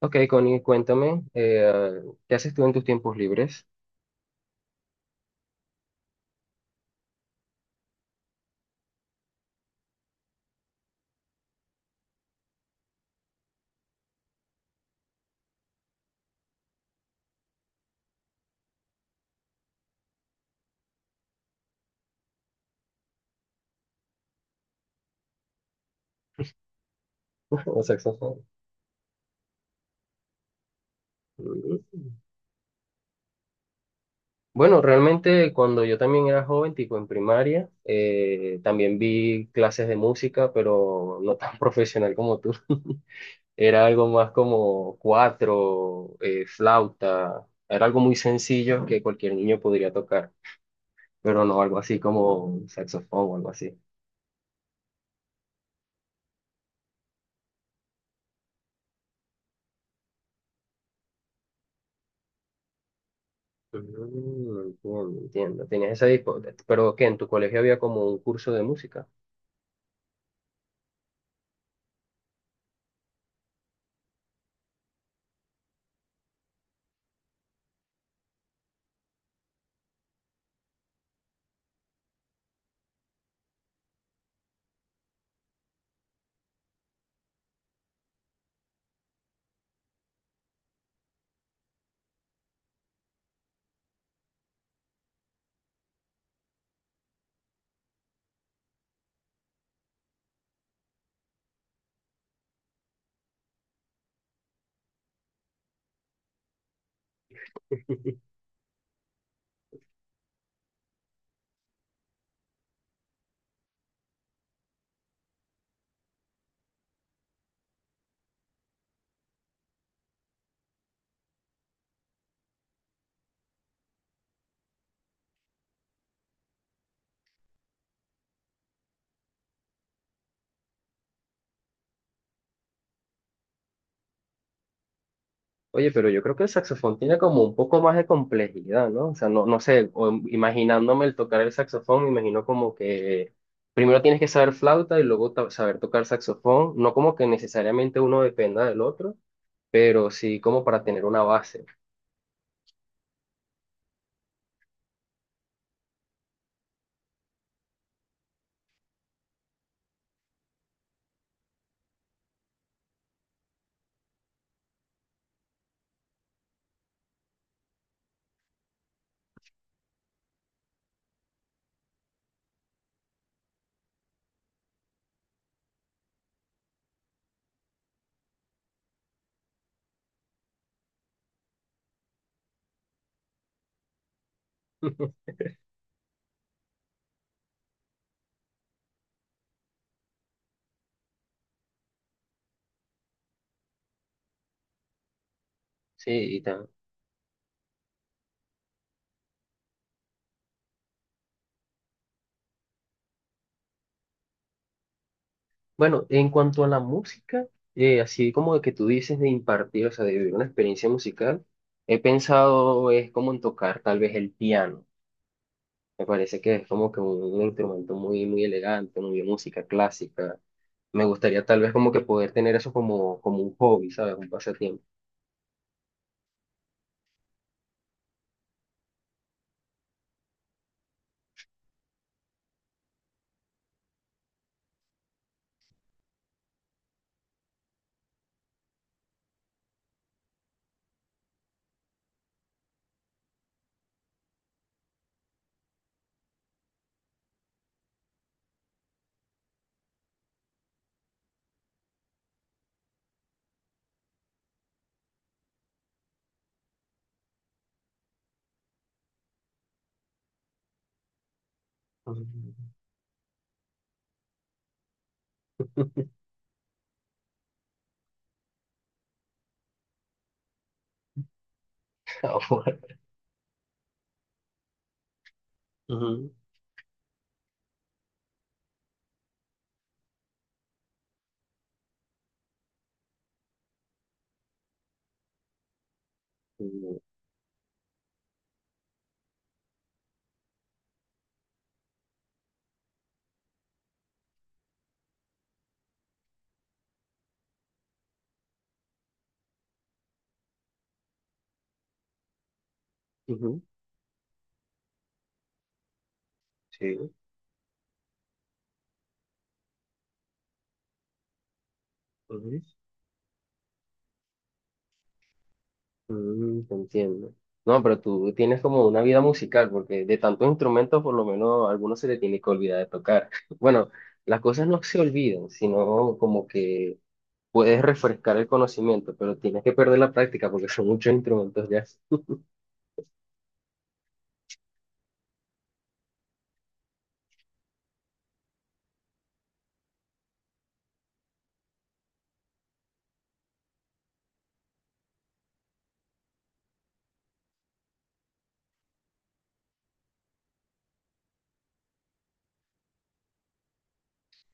Ok, Connie, cuéntame, ¿qué haces tú en tus tiempos libres? O saxofón. Mm. Bueno, realmente cuando yo también era joven, tipo en primaria, también vi clases de música, pero no tan profesional como tú. Era algo más como cuatro, flauta, era algo muy sencillo que cualquier niño podría tocar, pero no algo así como saxofón o algo así. Mm, entiendo, entiendo. Pero ¿qué? ¿En tu colegio había como un curso de música? Oye, pero yo creo que el saxofón tiene como un poco más de complejidad, ¿no? O sea, no, no sé, imaginándome el tocar el saxofón, me imagino como que primero tienes que saber flauta y luego saber tocar saxofón, no como que necesariamente uno dependa del otro, pero sí como para tener una base. Sí, y tal. Bueno, en cuanto a la música, así como de que tú dices de impartir, o sea, de vivir una experiencia musical, he pensado es como en tocar tal vez el piano. Me parece que es como que un instrumento muy, muy elegante, muy de música clásica. Me gustaría tal vez como que poder tener eso como, como un hobby, ¿sabes? Un pasatiempo. Ujú, ahora, ujú, mm, ujú, sí, ujú. Mm, te entiendo. No, pero tú tienes como una vida musical, porque de tantos instrumentos por lo menos a algunos se le tiene que olvidar de tocar. Bueno, las cosas no se olvidan, sino como que puedes refrescar el conocimiento, pero tienes que perder la práctica porque son muchos instrumentos ya.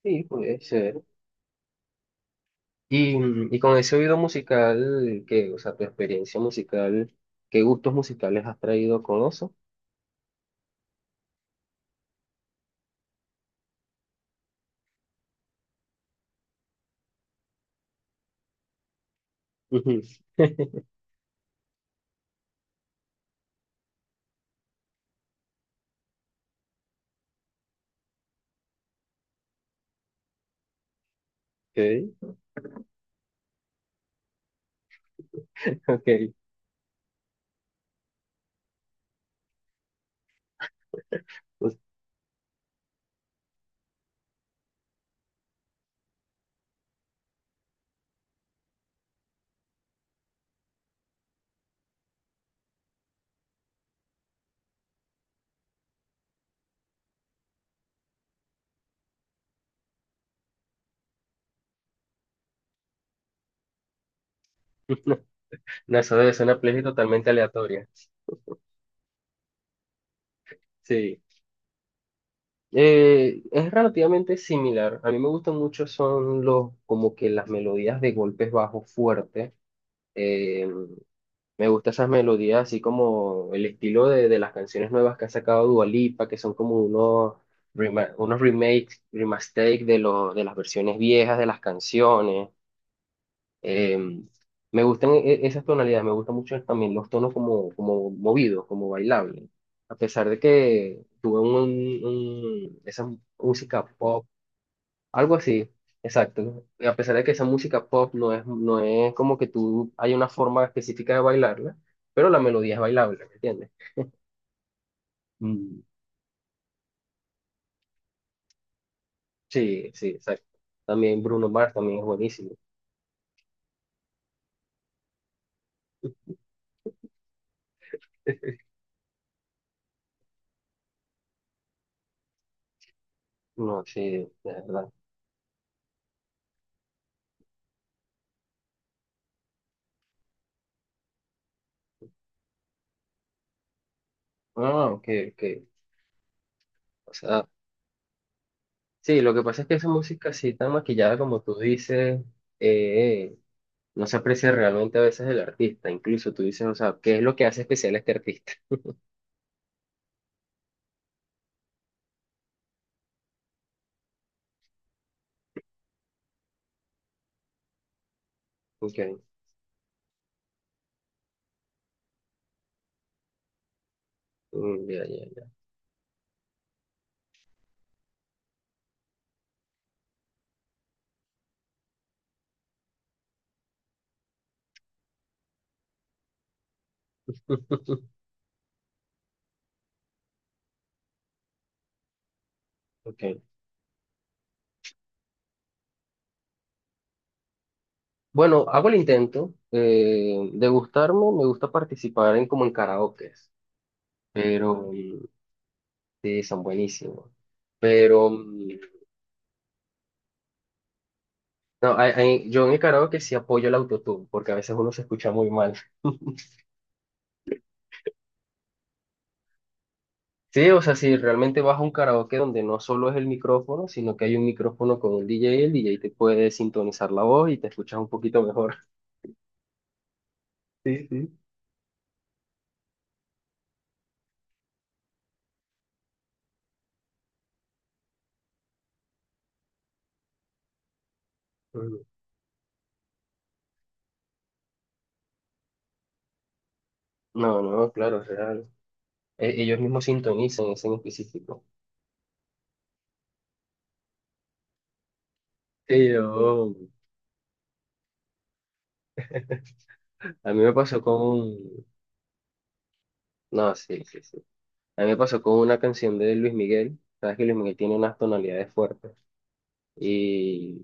Sí, puede ser. Y, mm, y con ese oído musical, que, o sea, tu experiencia musical, ¿qué gustos musicales has traído con eso? Ujú. Okay, okay. Pues, no, no, eso debe ser una playlist totalmente aleatoria. Sí. Es relativamente similar. A mí me gustan mucho son los, como que las melodías de golpes bajos fuertes. Me gusta esas melodías, así como el estilo de las canciones nuevas que ha sacado Dua Lipa, que son como unos, unos remakes, remastake de, de las versiones viejas de las canciones. Eh, me gustan esas tonalidades, me gustan mucho también los tonos como, como movidos, como bailables. A pesar de que tuve un, esa música pop algo así, exacto. Y a pesar de que esa música pop no es, no es como que tú hay una forma específica de bailarla, pero la melodía es bailable, ¿me entiendes? Mm. Sí, sí, exacto. También Bruno Mars también es buenísimo. No, sí, de verdad. Ah, ok, ok. O sea, sí, lo que pasa es que esa música así tan maquillada como tú dices, eh, no se aprecia realmente a veces el artista. Incluso tú dices, o sea, ¿qué es lo que hace especial a este artista? Ok, mm, ya, ya, ya. Ok. Bueno, hago el intento de gustarme, me gusta participar en como en karaokes, pero mm, sí, son buenísimos. Pero mm, no, yo en el karaoke sí apoyo el autotune, porque a veces uno se escucha muy mal. Sí, o sea, si realmente vas a un karaoke donde no solo es el micrófono, sino que hay un micrófono con un DJ, el DJ te puede sintonizar la voz y te escuchas un poquito mejor. Sí, sí. Mm. No, no, claro, es real. Ellos mismos sintonizan ese en específico. Sí, yo. A mí me pasó con... No, sí, sí, sí. A mí me pasó con una canción de Luis Miguel. Sabes que Luis Miguel tiene unas tonalidades fuertes. Y...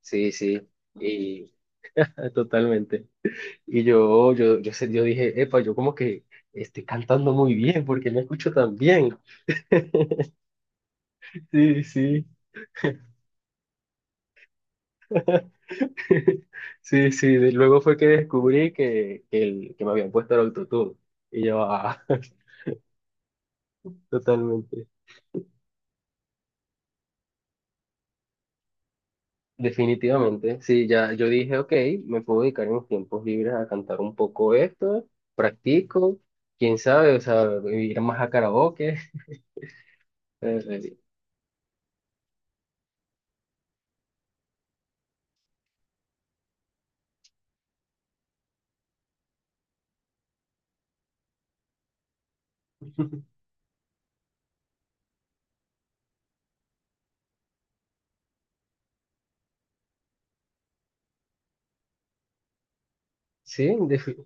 Sí, sí. Y... Totalmente. Y yo dije, epa, yo como que estoy cantando muy bien porque me escucho tan bien. Sí, sí. Sí, sí. Luego fue que descubrí que, el, que me habían puesto el autotune. Y yo, ah, totalmente. Definitivamente, sí, ya yo dije, ok, me puedo dedicar en mis tiempos libres a cantar un poco esto, practico, quién sabe, o sea, ir más a karaoke. eh, Sí,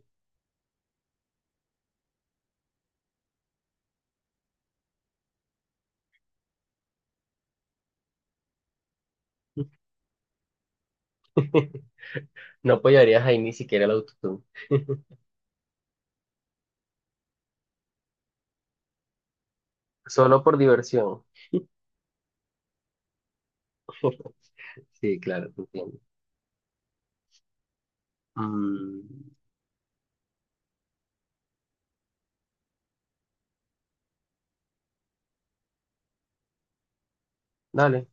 no apoyarías ahí ni siquiera el autotune, solo por diversión. Sí, claro, te entiendo. Mm, dale.